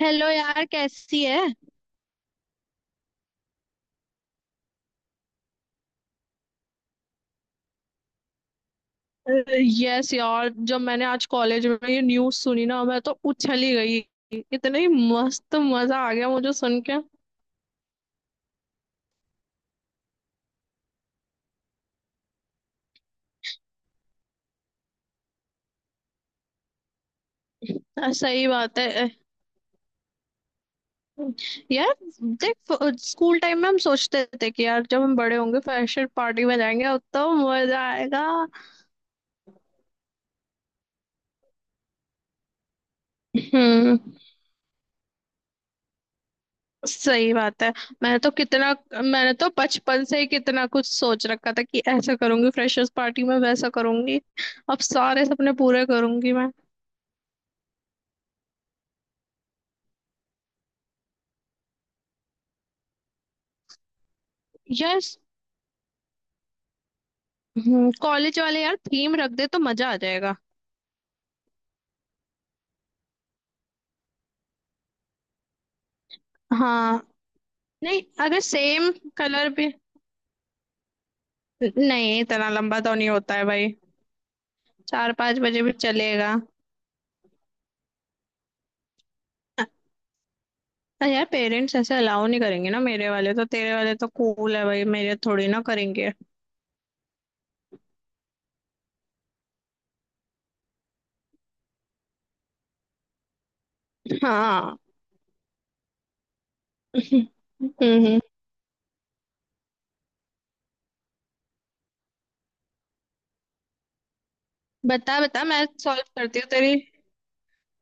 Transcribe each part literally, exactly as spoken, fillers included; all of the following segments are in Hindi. हेलो यार, कैसी है। यस यार, जब मैंने आज कॉलेज में ये न्यूज़ सुनी ना, मैं तो उछल ही गई। इतनी मस्त, मजा आ गया मुझे सुन के। अ, सही बात है। अ, यार, देख। स्कूल टाइम में हम सोचते थे कि यार, जब हम बड़े होंगे फ्रेशर पार्टी में जाएंगे अब तो मजा आएगा। हम्म। सही बात है। मैंने तो कितना मैंने तो बचपन से ही कितना कुछ सोच रखा था कि ऐसा करूंगी फ्रेशर्स पार्टी में, वैसा करूंगी। अब सारे सपने पूरे करूंगी मैं। यार, कॉलेज वाले यार थीम रख दे तो मजा आ जाएगा। हाँ। नहीं, अगर सेम कलर भी। नहीं, इतना लंबा तो नहीं होता है भाई। चार पांच बजे भी चलेगा। अरे यार, पेरेंट्स ऐसे अलाउ नहीं करेंगे ना, मेरे वाले तो। तेरे वाले तो कूल है भाई, मेरे थोड़ी ना करेंगे। हाँ। हम्म। बता बता, मैं सॉल्व करती हूँ तेरी।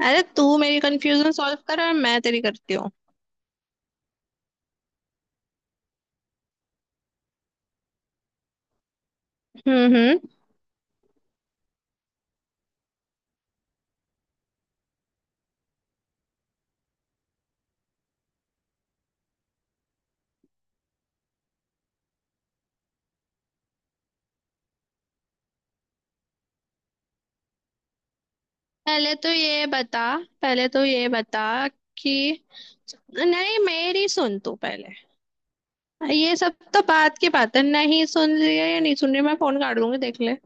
अरे तू मेरी कंफ्यूजन सॉल्व कर और मैं तेरी करती हूँ। हम्म। हम्म। पहले तो ये बता। पहले तो ये बता कि नहीं, मेरी सुन तू पहले। ये सब तो बात की बात है, नहीं सुन रही है या नहीं सुन रही है, मैं फोन काट दूंगी देख ले।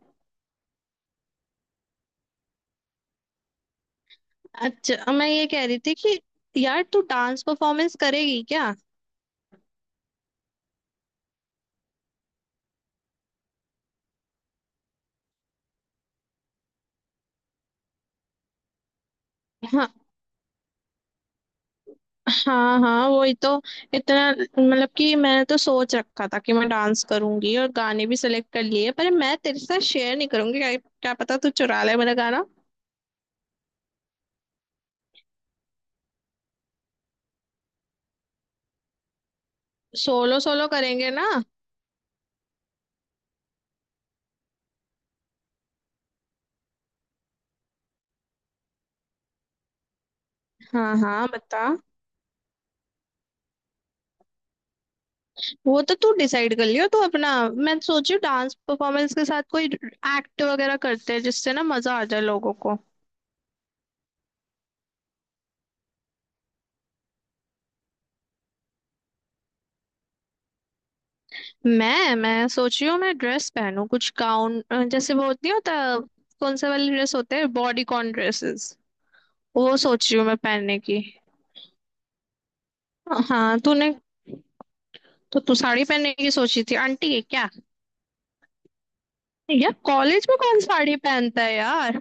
अच्छा, मैं ये कह रही थी कि यार तू डांस परफॉर्मेंस करेगी क्या। हाँ। हाँ हाँ, वही तो। इतना मतलब कि मैंने तो सोच रखा था कि मैं डांस करूंगी और गाने भी सिलेक्ट कर लिए, पर मैं तेरे साथ शेयर नहीं करूंगी क्या, क्या पता तू चुरा ले मेरा गाना। सोलो सोलो करेंगे ना। हाँ हाँ, बता। वो तो तू डिसाइड कर लियो तू अपना। मैं सोची डांस परफॉर्मेंस के साथ कोई एक्ट वगैरह करते हैं जिससे ना मजा आ जाए लोगों को। मैं मैं सोची हूँ मैं ड्रेस पहनूं, कुछ गाउन जैसे, वो होती, नहीं होता, कौन से वाली ड्रेस होते हैं, बॉडी कॉन ड्रेसेस। वो सोची हूँ मैं पहनने की। हाँ। तूने तो तू साड़ी पहनने की सोची थी, आंटी है क्या। यार कॉलेज में कौन साड़ी पहनता है यार।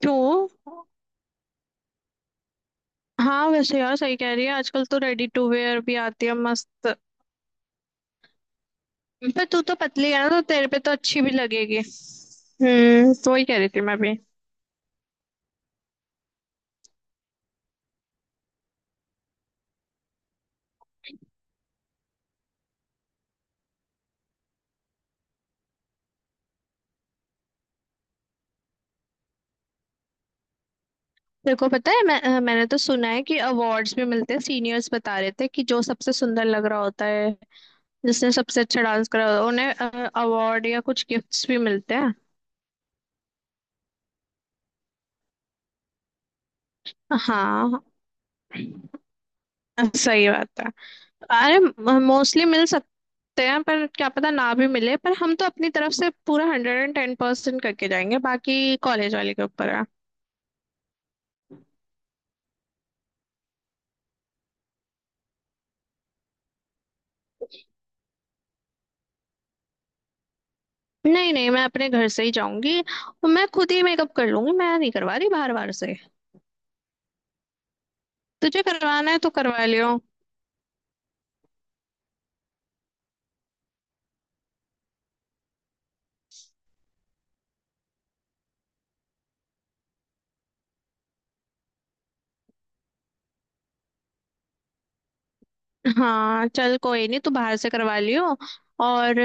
क्यों। हाँ वैसे यार, सही कह रही है। आजकल तो रेडी टू वेयर भी आती है मस्त। पर तू तो पतली है ना, तो तेरे पे तो अच्छी भी लगेगी, हम्म तो वही कह रही थी मैं भी। तेरे को पता है, मैं अ, मैंने तो सुना है कि अवार्ड्स भी मिलते हैं। सीनियर्स बता रहे थे कि जो सबसे सुंदर लग रहा होता है, जिसने सबसे अच्छा डांस करा होता है, उन्हें अवार्ड या कुछ गिफ्ट्स भी मिलते हैं। हाँ, सही बात है। अरे मोस्टली मिल सकते हैं, पर क्या पता ना भी मिले, पर हम तो अपनी तरफ से पूरा हंड्रेड एंड टेन परसेंट करके जाएंगे, बाकी कॉलेज वाले के ऊपर है। नहीं नहीं, मैं अपने घर से ही जाऊंगी और मैं खुद ही मेकअप कर लूंगी, मैं नहीं करवा रही बाहर। बाहर से तुझे करवाना है तो करवा लियो। हाँ चल, कोई नहीं, तू बाहर से करवा लियो। और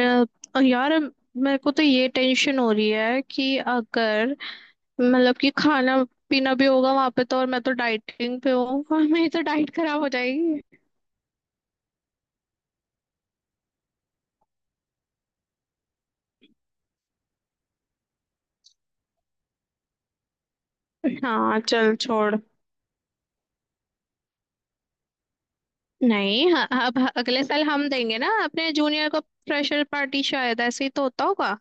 अ, यार, मेरे को तो ये टेंशन हो रही है कि अगर, मतलब कि खाना पीना भी होगा वहां पे तो, और मैं तो डाइटिंग पे हूँ और मेरी तो डाइट खराब हो जाएगी। हाँ चल छोड़। नहीं, हाँ, अब अगले साल हम देंगे ना अपने जूनियर को फ्रेशर पार्टी, शायद ऐसे ही तो होता होगा।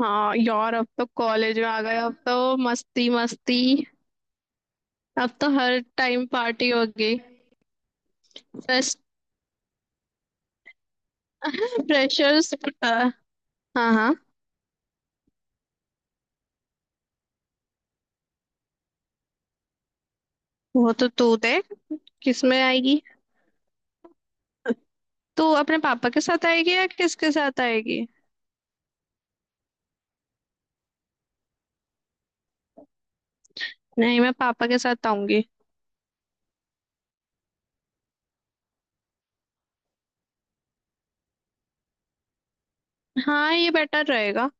हाँ यार, अब तो कॉलेज में आ गए, अब तो मस्ती मस्ती। अब तो हर टाइम पार्टी होगी। फ्रेश फ्रेशर्स हाँ। हाँ। वो तो तू दे, किसमें आएगी। तू अपने पापा के साथ आएगी या किसके साथ आएगी। नहीं, मैं पापा के साथ आऊंगी। हाँ, ये बेटर रहेगा।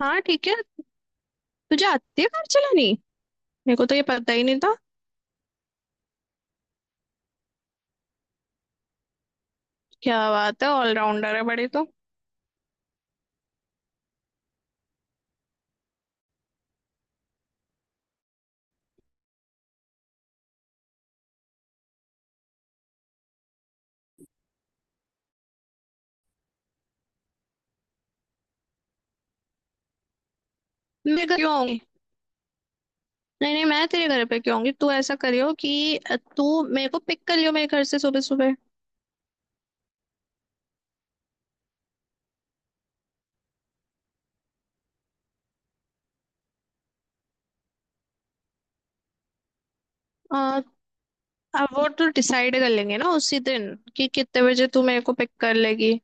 हाँ ठीक है। तुझे आती है कार चलानी। मेरे को तो ये पता ही नहीं था। क्या बात है, ऑलराउंडर है बड़ी तो। मैं क्यों आऊंगी। नहीं नहीं, मैं तेरे घर पे क्यों आऊंगी। तू ऐसा करियो कि अ, तू मेरे को पिक कर लियो मेरे घर से सुबह सुबह। अ, अब वो तो डिसाइड कर लेंगे ना उसी दिन कि कितने बजे तू मेरे को पिक कर लेगी।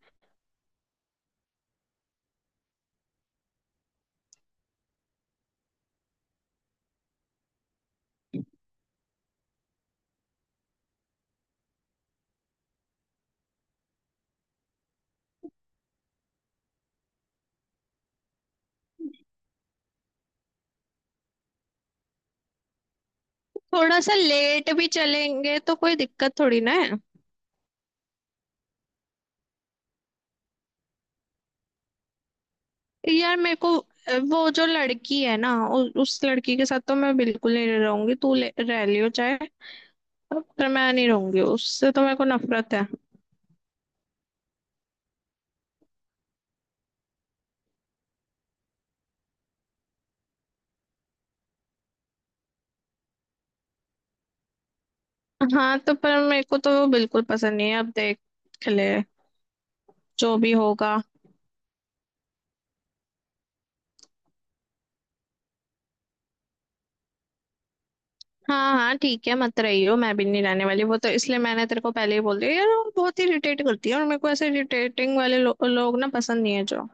थोड़ा सा लेट भी चलेंगे तो कोई दिक्कत थोड़ी ना है। यार, मेरे को अ, वो जो लड़की है ना, उ, उस लड़की के साथ तो मैं बिल्कुल नहीं रहूंगी, तू ले- रह लियो चाहे। पर मैं नहीं रहूंगी, उससे तो मेरे को नफरत है। हाँ तो, पर मेरे को तो वो बिल्कुल पसंद नहीं है, अब देख ले, जो भी होगा। हाँ हाँ ठीक है, मत रही हो, मैं भी नहीं रहने वाली। वो तो इसलिए मैंने तेरे को पहले ही बोल दिया यार, वो बहुत ही इरिटेट करती है और मेरे को ऐसे इरिटेटिंग वाले लो, लोग ना पसंद नहीं है जो।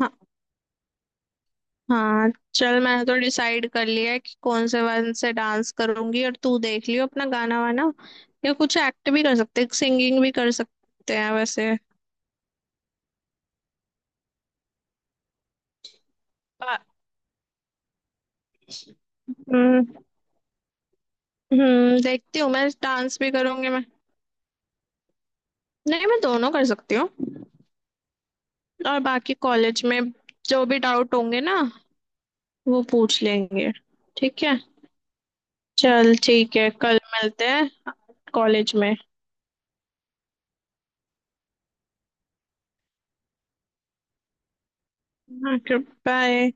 हाँ। हाँ। चल, मैंने तो डिसाइड कर लिया है कि कौन से वन से डांस करूंगी, और तू देख लियो अपना गाना वाना, या कुछ एक्ट भी कर सकते हैं, सिंगिंग भी कर सकते हैं वैसे। बा- हम्म हम्म देखती हूँ, मैं डांस भी करूंगी मैं। नहीं, मैं दोनों कर सकती हूँ। और बाकी कॉलेज में जो भी डाउट होंगे ना, वो पूछ लेंगे। ठीक है। चल ठीक है, कल मिलते हैं कॉलेज में। हाँ, बाय।